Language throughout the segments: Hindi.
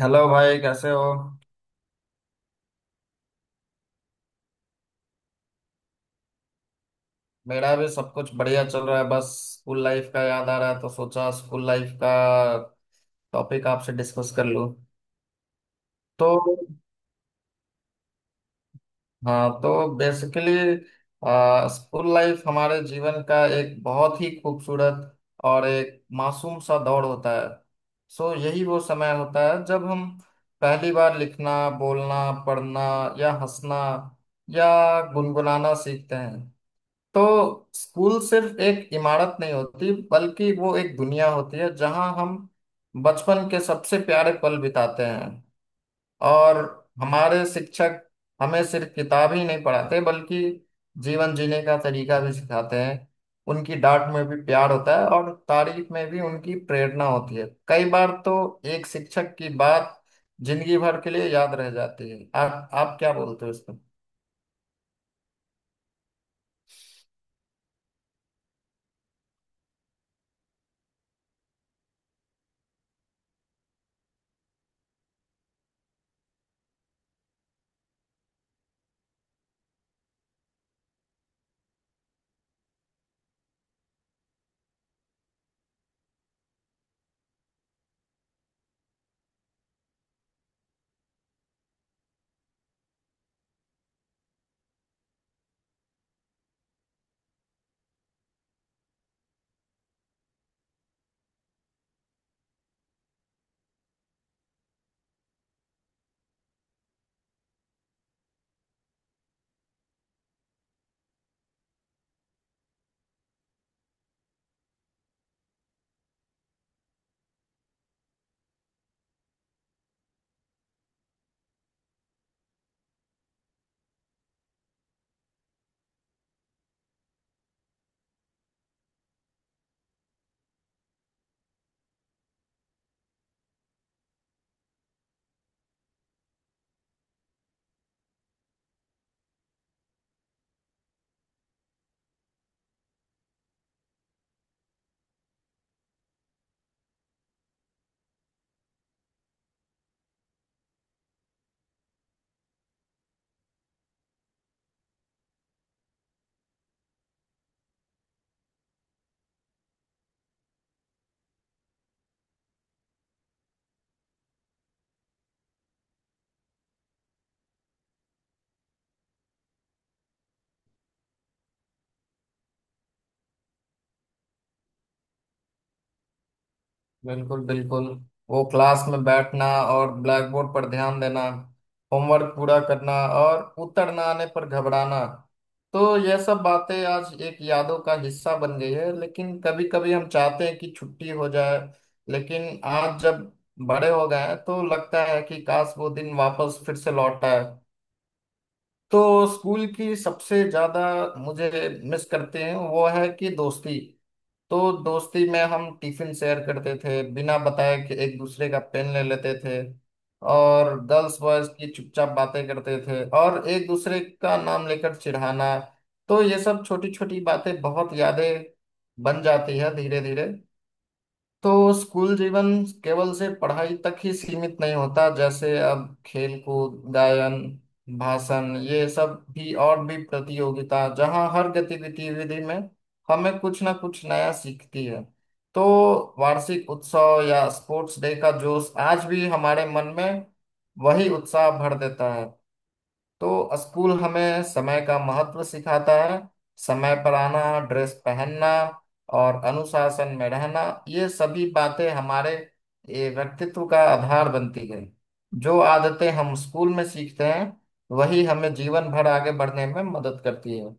हेलो भाई कैसे हो। मेरा भी सब कुछ बढ़िया चल रहा है। बस स्कूल लाइफ का याद आ रहा है तो सोचा स्कूल लाइफ का टॉपिक आपसे डिस्कस कर लूं। तो हाँ तो बेसिकली स्कूल लाइफ हमारे जीवन का एक बहुत ही खूबसूरत और एक मासूम सा दौर होता है। सो यही वो समय होता है जब हम पहली बार लिखना, बोलना, पढ़ना या हंसना या गुनगुनाना सीखते हैं। तो स्कूल सिर्फ एक इमारत नहीं होती, बल्कि वो एक दुनिया होती है जहां हम बचपन के सबसे प्यारे पल बिताते हैं। और हमारे शिक्षक हमें सिर्फ किताब ही नहीं पढ़ाते बल्कि जीवन जीने का तरीका भी सिखाते हैं। उनकी डांट में भी प्यार होता है और तारीफ में भी उनकी प्रेरणा होती है। कई बार तो एक शिक्षक की बात जिंदगी भर के लिए याद रह जाती है। आप क्या बोलते हो इस पर? बिल्कुल, बिल्कुल। वो क्लास में बैठना और ब्लैक बोर्ड पर ध्यान देना, होमवर्क पूरा करना और उत्तर ना आने पर घबराना, तो यह सब बातें आज एक यादों का हिस्सा बन गई है। लेकिन कभी कभी हम चाहते हैं कि छुट्टी हो जाए, लेकिन आज जब बड़े हो गए हैं तो लगता है कि काश वो दिन वापस फिर से लौट आए। तो स्कूल की सबसे ज्यादा मुझे मिस करते हैं वो है कि दोस्ती। तो दोस्ती में हम टिफिन शेयर करते थे, बिना बताए कि एक दूसरे का पेन ले लेते थे और गर्ल्स बॉयज की चुपचाप बातें करते थे और एक दूसरे का नाम लेकर चिढ़ाना। तो ये सब छोटी छोटी बातें बहुत यादें बन जाती है धीरे धीरे। तो स्कूल जीवन केवल से पढ़ाई तक ही सीमित नहीं होता, जैसे अब खेल कूद, गायन, भाषण, ये सब भी और भी प्रतियोगिता जहाँ हर गतिविधि विधि में हमें कुछ ना कुछ नया सीखती है। तो वार्षिक उत्सव या स्पोर्ट्स डे का जोश आज भी हमारे मन में वही उत्साह भर देता है। तो स्कूल हमें समय का महत्व सिखाता है। समय पर आना, ड्रेस पहनना और अनुशासन में रहना, ये सभी बातें हमारे ये व्यक्तित्व का आधार बनती है। जो आदतें हम स्कूल में सीखते हैं वही हमें जीवन भर आगे बढ़ने में मदद करती है।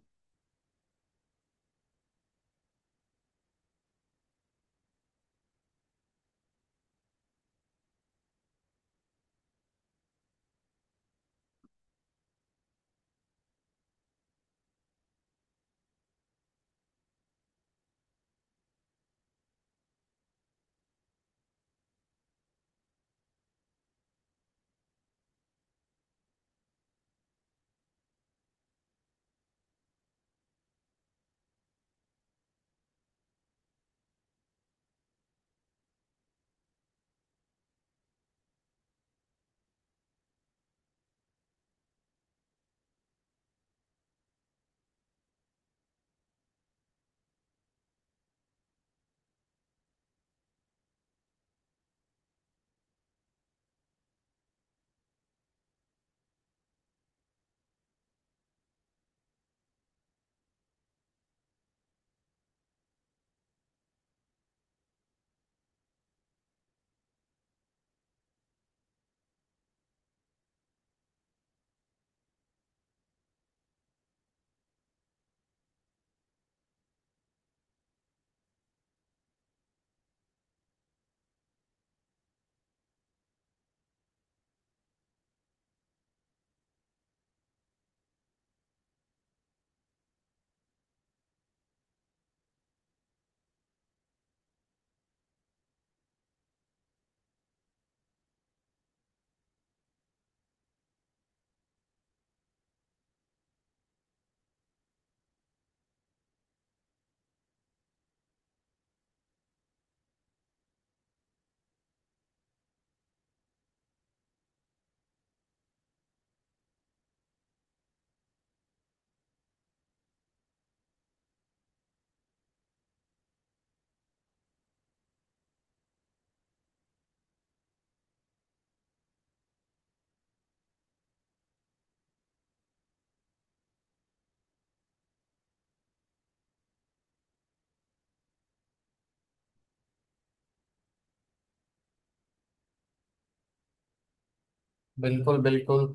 बिल्कुल, बिल्कुल।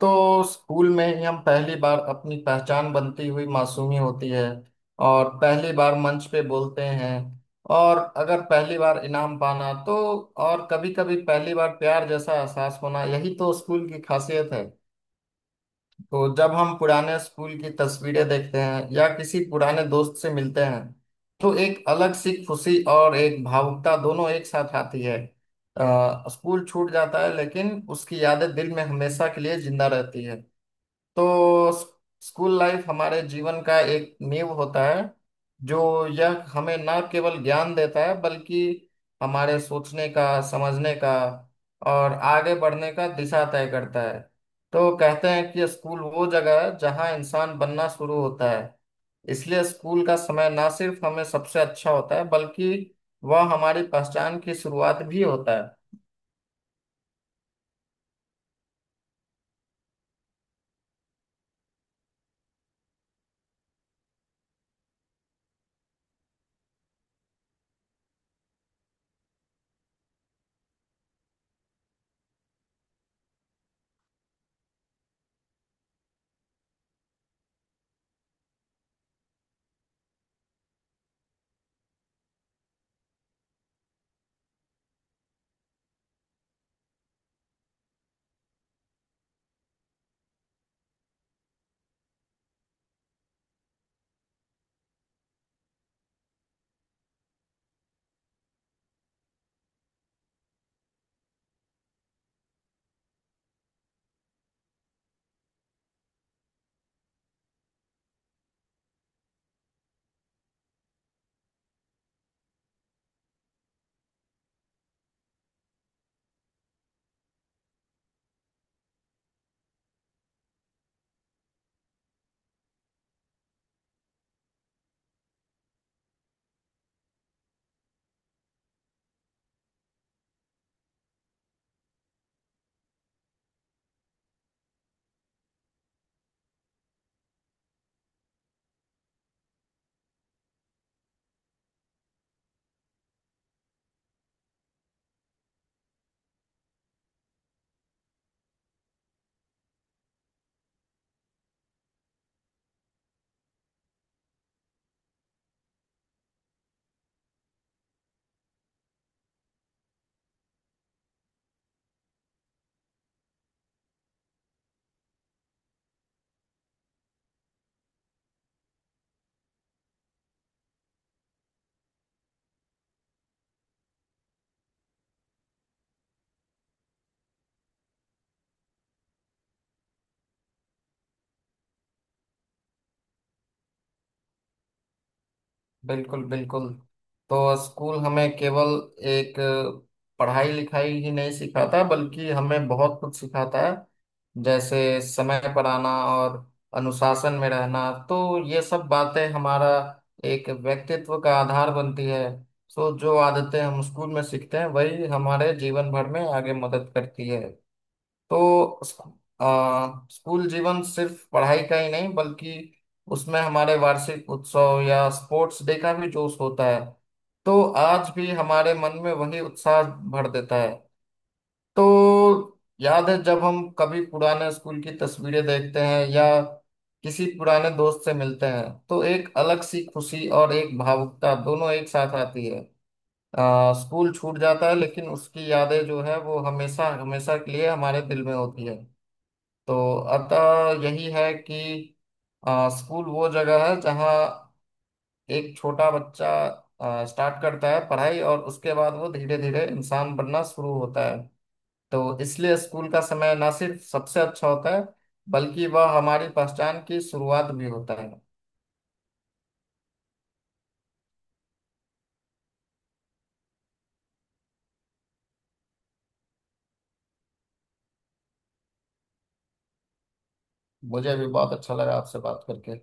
तो स्कूल में ही हम पहली बार अपनी पहचान बनती हुई मासूमी होती है और पहली बार मंच पे बोलते हैं और अगर पहली बार इनाम पाना तो और कभी कभी पहली बार प्यार जैसा एहसास होना, यही तो स्कूल की खासियत है। तो जब हम पुराने स्कूल की तस्वीरें देखते हैं या किसी पुराने दोस्त से मिलते हैं तो एक अलग सी खुशी और एक भावुकता दोनों एक साथ आती है। स्कूल छूट जाता है लेकिन उसकी यादें दिल में हमेशा के लिए जिंदा रहती है। तो स्कूल लाइफ हमारे जीवन का एक नींव होता है। जो यह हमें ना केवल ज्ञान देता है बल्कि हमारे सोचने का, समझने का और आगे बढ़ने का दिशा तय करता है। तो कहते हैं कि स्कूल वो जगह है जहाँ इंसान बनना शुरू होता है। इसलिए स्कूल का समय ना सिर्फ हमें सबसे अच्छा होता है बल्कि वह हमारी पहचान की शुरुआत भी होता है। बिल्कुल, बिल्कुल। तो स्कूल हमें केवल एक पढ़ाई लिखाई ही नहीं सिखाता बल्कि हमें बहुत कुछ सिखाता है। जैसे समय पर आना और अनुशासन में रहना, तो ये सब बातें हमारा एक व्यक्तित्व का आधार बनती है। तो जो आदतें हम स्कूल में सीखते हैं वही हमारे जीवन भर में आगे मदद करती है। तो स्कू- स्कूल जीवन सिर्फ पढ़ाई का ही नहीं बल्कि उसमें हमारे वार्षिक उत्सव या स्पोर्ट्स डे का भी जोश होता है। तो आज भी हमारे मन में वही उत्साह भर देता है। तो याद है जब हम कभी पुराने स्कूल की तस्वीरें देखते हैं या किसी पुराने दोस्त से मिलते हैं तो एक अलग सी खुशी और एक भावुकता दोनों एक साथ आती है। स्कूल छूट जाता है लेकिन उसकी यादें जो है वो हमेशा हमेशा के लिए हमारे दिल में होती है। तो अतः यही है कि स्कूल वो जगह है जहाँ एक छोटा बच्चा स्टार्ट करता है पढ़ाई और उसके बाद वो धीरे धीरे इंसान बनना शुरू होता है। तो इसलिए स्कूल का समय ना सिर्फ सबसे अच्छा होता है बल्कि वह हमारी पहचान की शुरुआत भी होता है। मुझे भी बहुत अच्छा लगा आपसे बात करके।